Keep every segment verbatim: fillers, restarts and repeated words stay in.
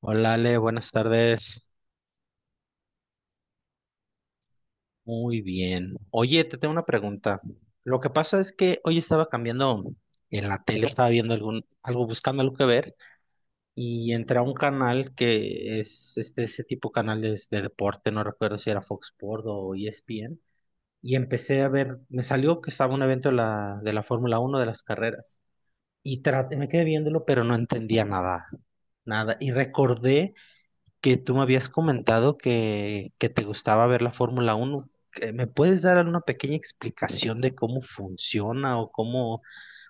Hola Ale, buenas tardes. Muy bien. Oye, te tengo una pregunta. Lo que pasa es que hoy estaba cambiando en la tele, estaba viendo algún, algo, buscando algo que ver, y entré a un canal que es este, ese tipo de canales de deporte, no recuerdo si era Fox Sport o E S P N, y empecé a ver, me salió que estaba un evento de la, de la Fórmula Uno, de las carreras, y traté, me quedé viéndolo, pero no entendía nada, nada, y recordé que tú me habías comentado que, que te gustaba ver la Fórmula Uno. Eh, ¿Me puedes dar alguna pequeña explicación de cómo funciona o cómo?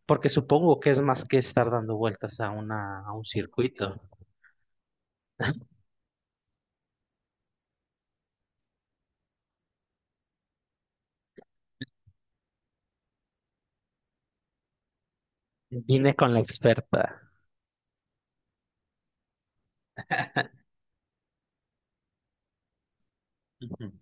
Porque supongo que es más que estar dando vueltas a una, a un circuito. Vine con la experta. Ujú,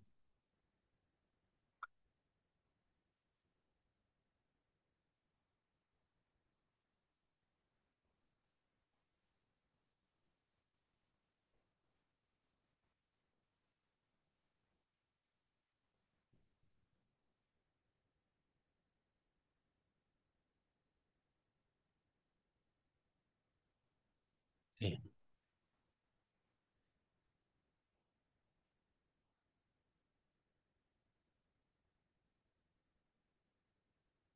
sí.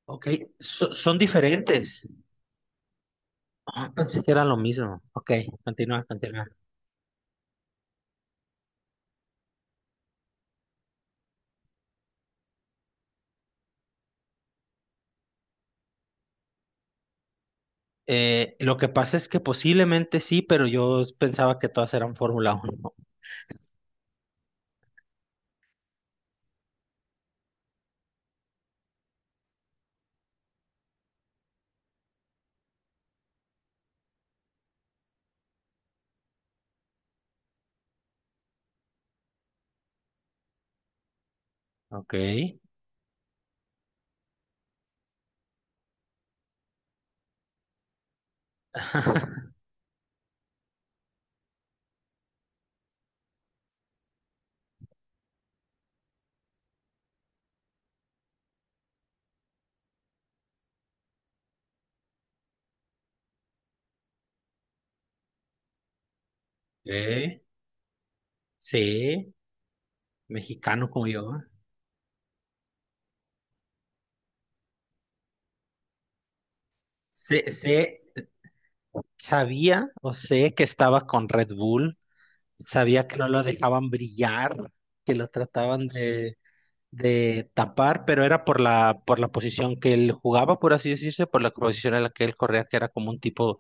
Ok, so- son diferentes. Ah, pensé que era lo mismo. Ok, continúa, continúa. Eh, lo que pasa es que posiblemente sí, pero yo pensaba que todas eran Fórmula Uno. Ok. Ok, sí. Mexicano como yo, ¿eh? sé, sé- Sabía o sé que estaba con Red Bull, sabía que no lo dejaban brillar, que lo trataban de, de tapar, pero era por la, por la posición que él jugaba, por así decirse, por la posición en la que él corría, que era como un tipo,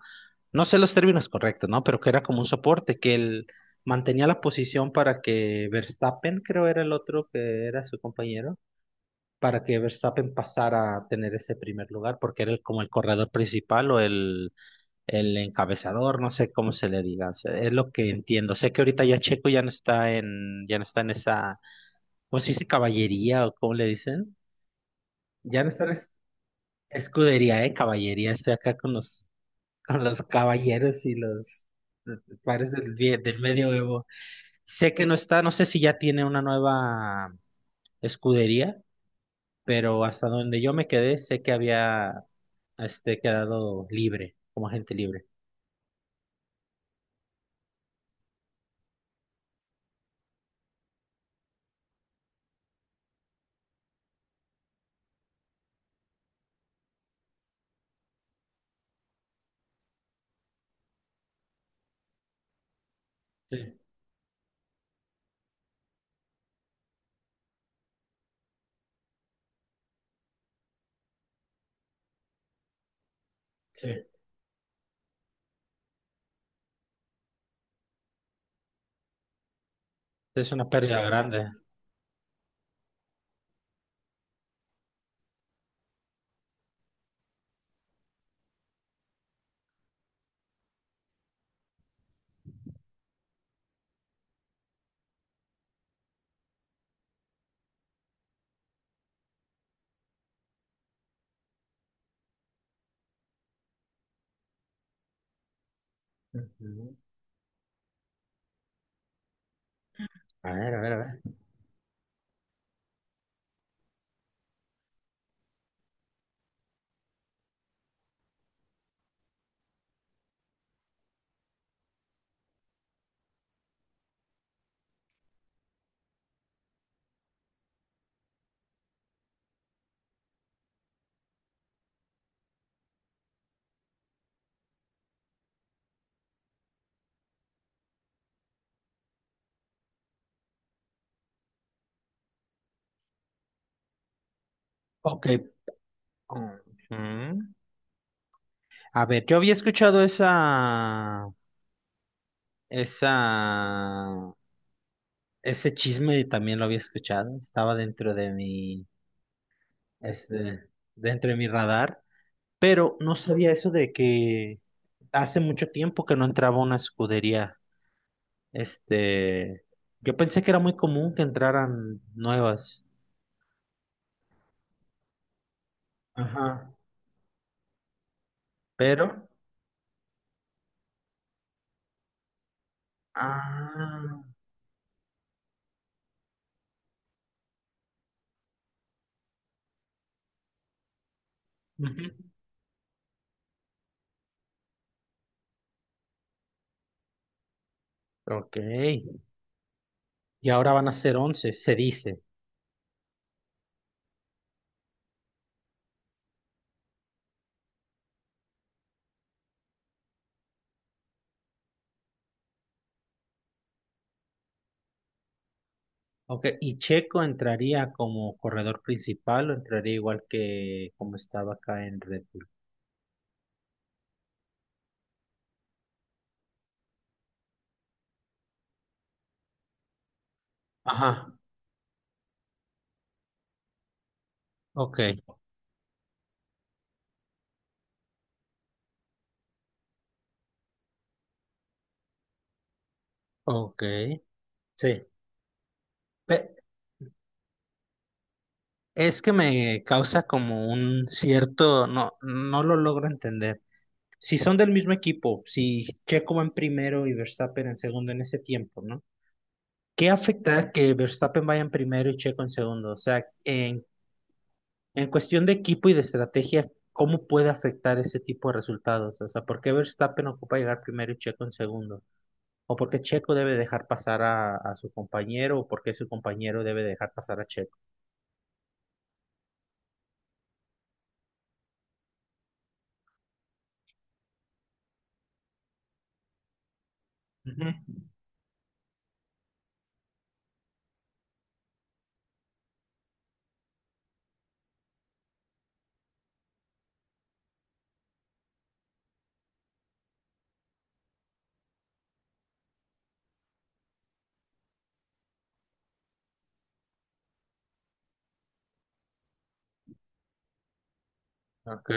no sé los términos correctos, ¿no? Pero que era como un soporte, que él mantenía la posición para que Verstappen, creo era el otro que era su compañero, para que Verstappen pasara a tener ese primer lugar, porque era el- como el corredor principal o el, el encabezador, no sé cómo se le diga, o sea, es lo que entiendo. Sé que ahorita ya Checo ya no está en, ya no está en esa, ¿cómo se dice? Caballería o cómo le dicen. Ya no está en es- escudería, eh, caballería. Estoy acá con los, con los caballeros y los pares del, vie- del medioevo. Sé que no está, no sé si ya tiene una nueva escudería, pero hasta donde yo me quedé, sé que había este, quedado libre, como agente libre. Sí, sí. Es una pérdida grande. Ujú. A ver, a ver, a ver. Ok. Ujú. A ver, yo había escuchado esa, esa, ese chisme también lo había escuchado. Estaba dentro de mi, este, dentro de mi radar, pero no sabía eso de que hace mucho tiempo que no entraba a una escudería. Este, yo pensé que era muy común que entraran nuevas. Ajá. Pero, ah. Ujú. Ok, y ahora van a ser once, se dice. Ok, ¿y Checo entraría como corredor principal o entraría igual que como estaba acá en Red Bull? Ajá. Ok, ok, sí. Pe- es que me causa como un cierto, no, no lo logro entender. Si son del mismo equipo, si Checo va en primero y Verstappen en segundo en ese tiempo, ¿no? ¿Qué afecta que Verstappen vaya en primero y Checo en segundo? O sea, en, en cuestión de equipo y de estrategia, ¿cómo puede afectar ese tipo de resultados? O sea, ¿por qué Verstappen ocupa llegar primero y Checo en segundo? ¿O por qué Checo debe dejar pasar a, a su compañero? ¿O por qué su compañero debe dejar pasar a Checo? Ujú. Ok,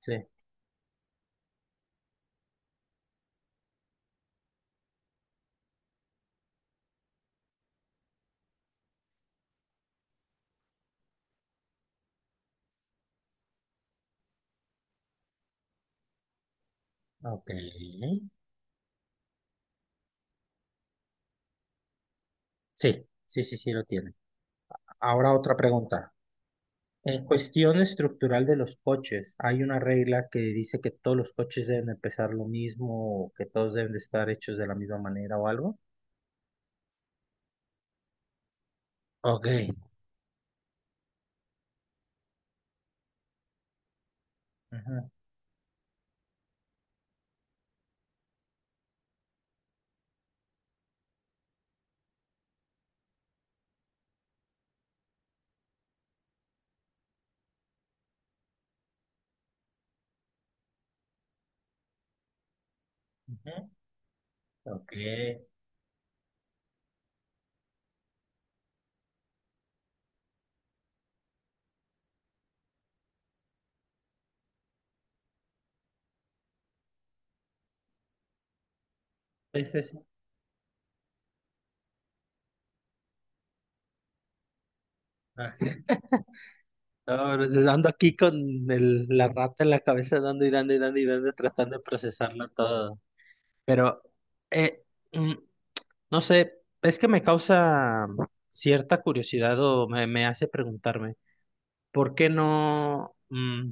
sí, ok. Sí, sí, sí, sí lo tiene. Ahora otra pregunta. En cuestión estructural de los coches, ¿hay una regla que dice que todos los coches deben de pesar lo mismo, o que todos deben de estar hechos de la misma manera o algo? Ok. Ajá, ujú, ok. Es eso. Ah, ahora se- ando aquí con el- la rata en la cabeza, dando y dando y dando y dando, tratando de procesarlo todo. Pero, eh, mm, no sé, es que me causa cierta curiosidad o me, me hace preguntarme, ¿por qué no? mm,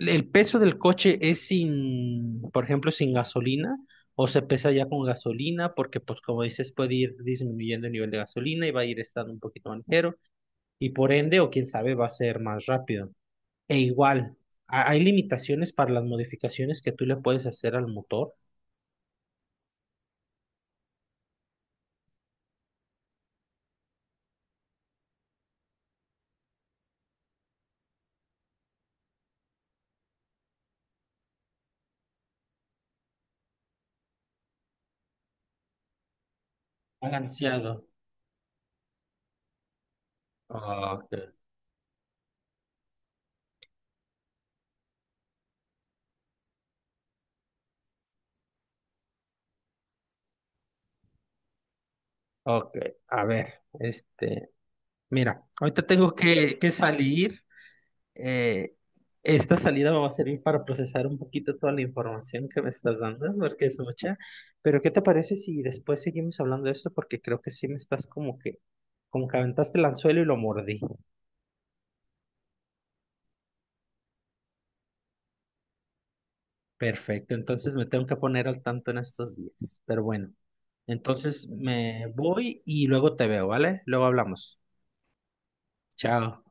¿El peso del coche es sin, por ejemplo, sin gasolina? ¿O se pesa ya con gasolina? Porque, pues, como dices, puede ir disminuyendo el nivel de gasolina y va a ir estando un poquito más ligero. Y por ende, o quién sabe, va a ser más rápido. E igual, ¿ha- ¿hay limitaciones para las modificaciones que tú le puedes hacer al motor? Balanceado. Ah, ok, ok. A ver, este, mira, ahorita tengo que, que salir. Eh, esta salida me va a servir para procesar un poquito toda la información que me estás dando, porque es mucha. Pero ¿qué te parece si después seguimos hablando de esto? Porque creo que sí me estás como que, como que aventaste el anzuelo y lo mordí. Perfecto, entonces me tengo que poner al tanto en estos días. Pero bueno, entonces me voy y luego te veo, ¿vale? Luego hablamos. Chao.